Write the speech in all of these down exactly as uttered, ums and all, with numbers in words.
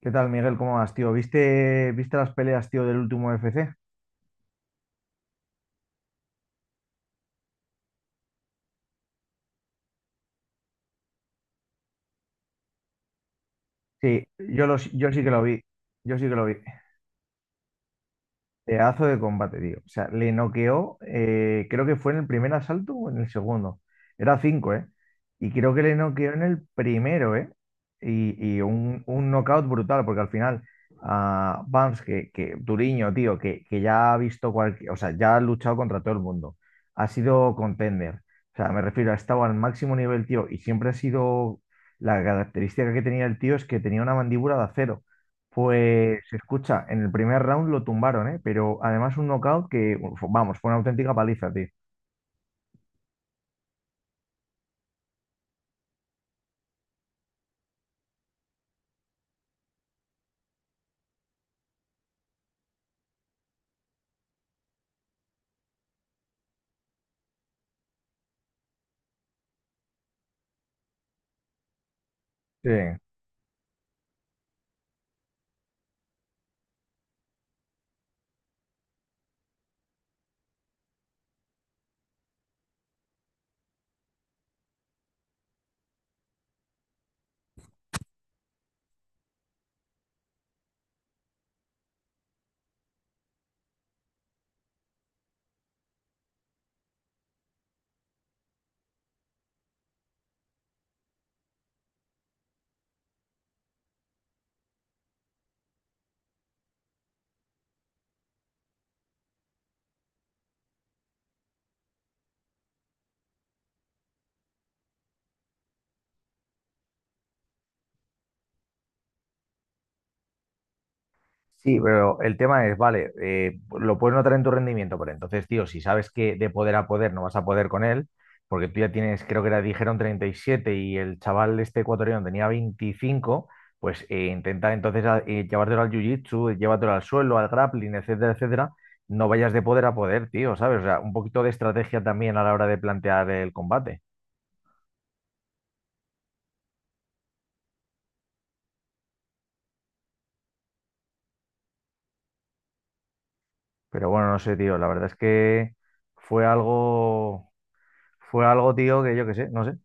¿Qué tal, Miguel? ¿Cómo vas, tío? ¿Viste, viste las peleas, tío, del último U F C? Sí, yo, los, yo sí que lo vi. Yo sí que lo vi. Pedazo de combate, tío. O sea, le noqueó, eh, creo que fue en el primer asalto o en el segundo. Era cinco, ¿eh? Y creo que le noqueó en el primero, ¿eh? Y, y un, un knockout brutal, porque al final, a Bams, que, que Duriño, tío, que, que ya ha visto cualquier, o sea, ya ha luchado contra todo el mundo, ha sido contender. O sea, me refiero, ha estado al máximo nivel, tío, y siempre ha sido, la característica que tenía el tío es que tenía una mandíbula de acero. Pues escucha, en el primer round lo tumbaron, ¿eh? Pero además un knockout que, uf, vamos, fue una auténtica paliza, tío. Sí. Sí, pero el tema es, vale, eh, lo puedes notar en tu rendimiento, pero entonces, tío, si sabes que de poder a poder no vas a poder con él, porque tú ya tienes, creo que era, dijeron treinta y siete y el chaval este ecuatoriano tenía veinticinco, pues eh, intenta entonces a- eh, llevártelo al jiu-jitsu, llévatelo al suelo, al grappling, etcétera, etcétera. No vayas de poder a poder, tío, ¿sabes? O sea, un poquito de estrategia también a la hora de plantear el combate. Pero bueno, no sé, tío. La verdad es que fue algo, fue algo, tío, que yo qué sé, no sé.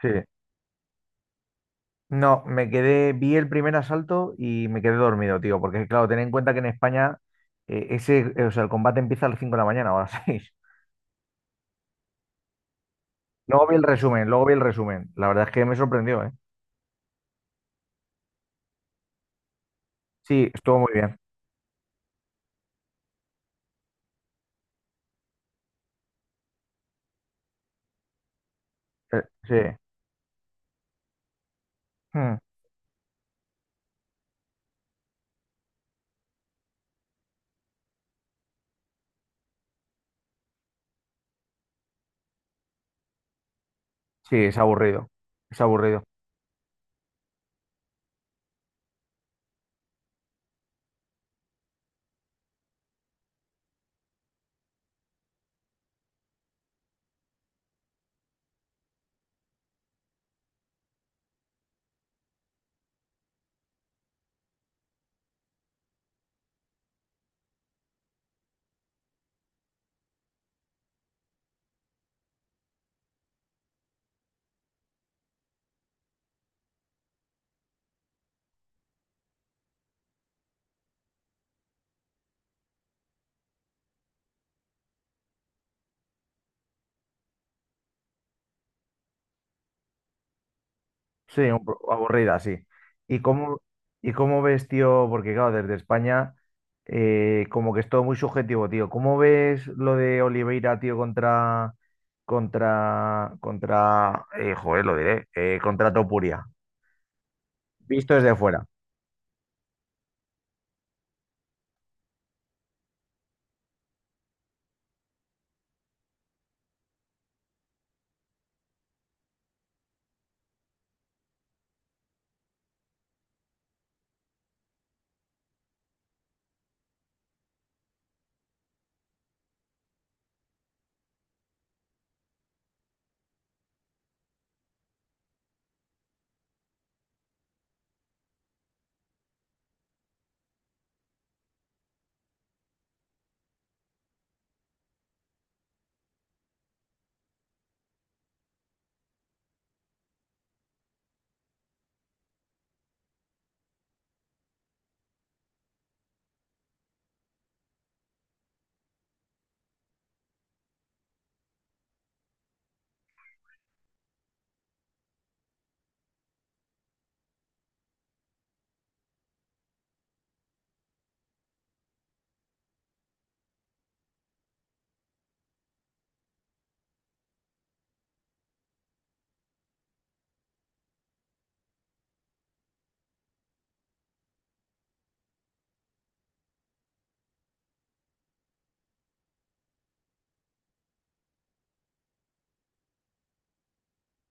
Sí. No, me quedé, vi el primer asalto y me quedé dormido, tío, porque claro, ten en cuenta que en España eh, ese, eh, o sea, el combate empieza a las cinco de la mañana o a las seis. Luego vi el resumen, luego vi el resumen. La verdad es que me sorprendió, ¿eh? Sí, estuvo muy bien. Eh, sí. Hmm. Sí, es aburrido. Es aburrido. Sí, un po- aburrida, sí. ¿Y cómo, y cómo ves, tío? Porque claro, desde España, eh, como que es todo muy subjetivo, tío. ¿Cómo ves lo de Oliveira, tío, contra, contra, contra, eh, joder, lo diré, eh, contra Topuria? Visto desde fuera.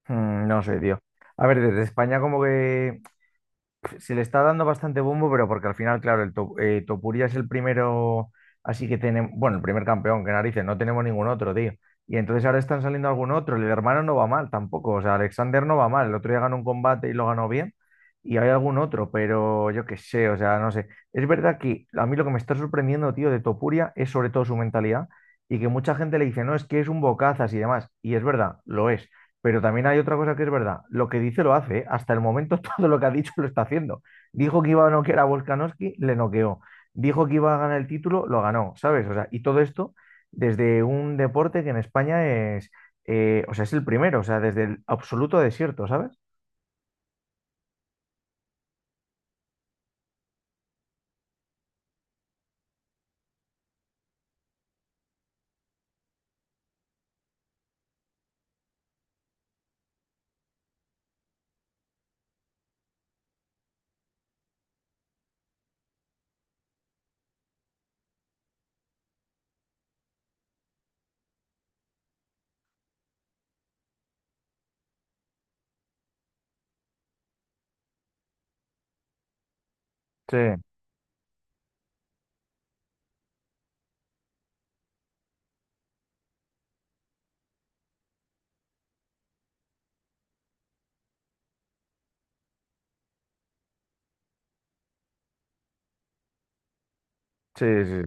Mm, no sé, tío. A ver, desde España como que se le está dando bastante bombo, pero porque al final, claro, el To- eh, Topuria es el primero, así que tenemos, bueno, el primer campeón, que narices, no tenemos ningún otro, tío. Y entonces ahora están saliendo algún otro, el hermano no va mal tampoco, o sea, Alexander no va mal, el otro día ganó un combate y lo ganó bien, y hay algún otro, pero yo qué sé, o sea, no sé. Es verdad que a mí lo que me está sorprendiendo, tío, de Topuria es sobre todo su mentalidad y que mucha gente le dice, no, es que es un bocazas y demás, y es verdad, lo es. Pero también hay otra cosa que es verdad. Lo que dice lo hace. ¿Eh? Hasta el momento todo lo que ha dicho lo está haciendo. Dijo que iba a noquear a Volkanovski, le noqueó. Dijo que iba a ganar el título, lo ganó, ¿sabes? O sea, y todo esto desde un deporte que en España es, eh, o sea, es el primero, o sea, desde el absoluto desierto, ¿sabes? Sí, sí, sí.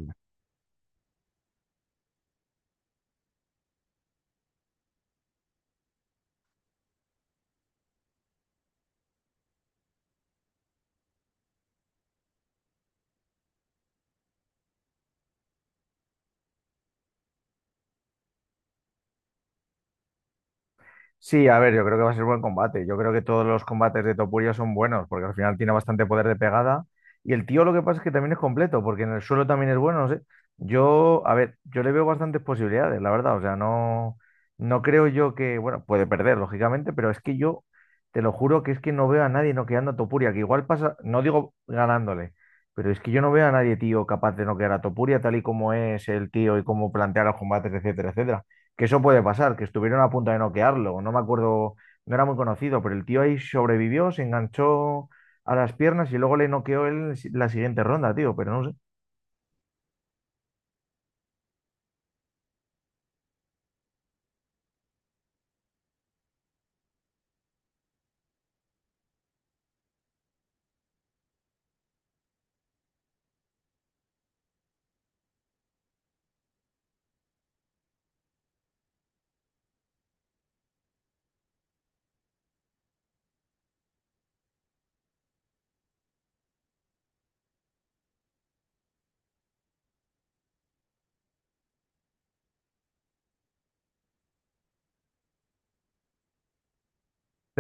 Sí, a ver, yo creo que va a ser buen combate. Yo creo que todos los combates de Topuria son buenos, porque al final tiene bastante poder de pegada. Y el tío lo que pasa es que también es completo, porque en el suelo también es bueno. No sé. Yo, a ver, yo le veo bastantes posibilidades, la verdad. O sea, no, no creo yo que, bueno, puede perder, lógicamente, pero es que yo te lo juro que es que no veo a nadie noqueando a Topuria, que igual pasa, no digo ganándole, pero es que yo no veo a nadie, tío, capaz de noquear a Topuria tal y como es el tío y cómo plantea los combates, etcétera, etcétera, que eso puede pasar, que estuvieron a punto de noquearlo. No me acuerdo, no era muy conocido, pero el tío ahí sobrevivió, se enganchó a las piernas y luego le noqueó él la siguiente ronda, tío, pero no sé.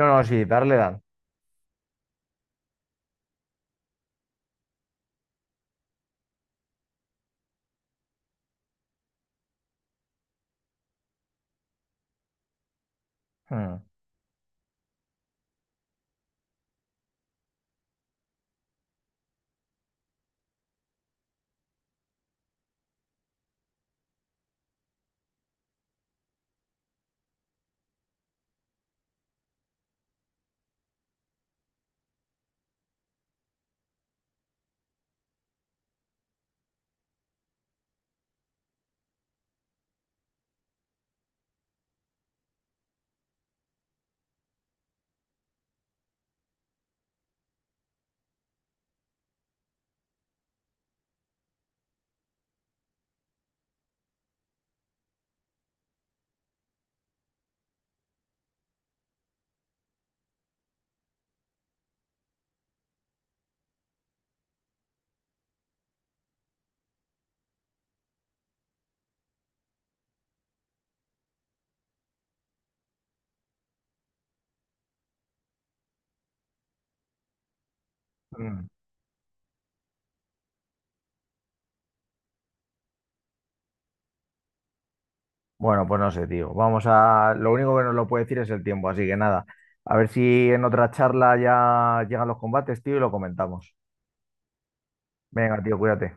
No, no, sí, darle dan. Hmm, hmm. Bueno, pues no sé, tío. Vamos a. Lo único que nos lo puede decir es el tiempo, así que nada. A ver si en otra charla ya llegan los combates, tío, y lo comentamos. Venga, tío, cuídate.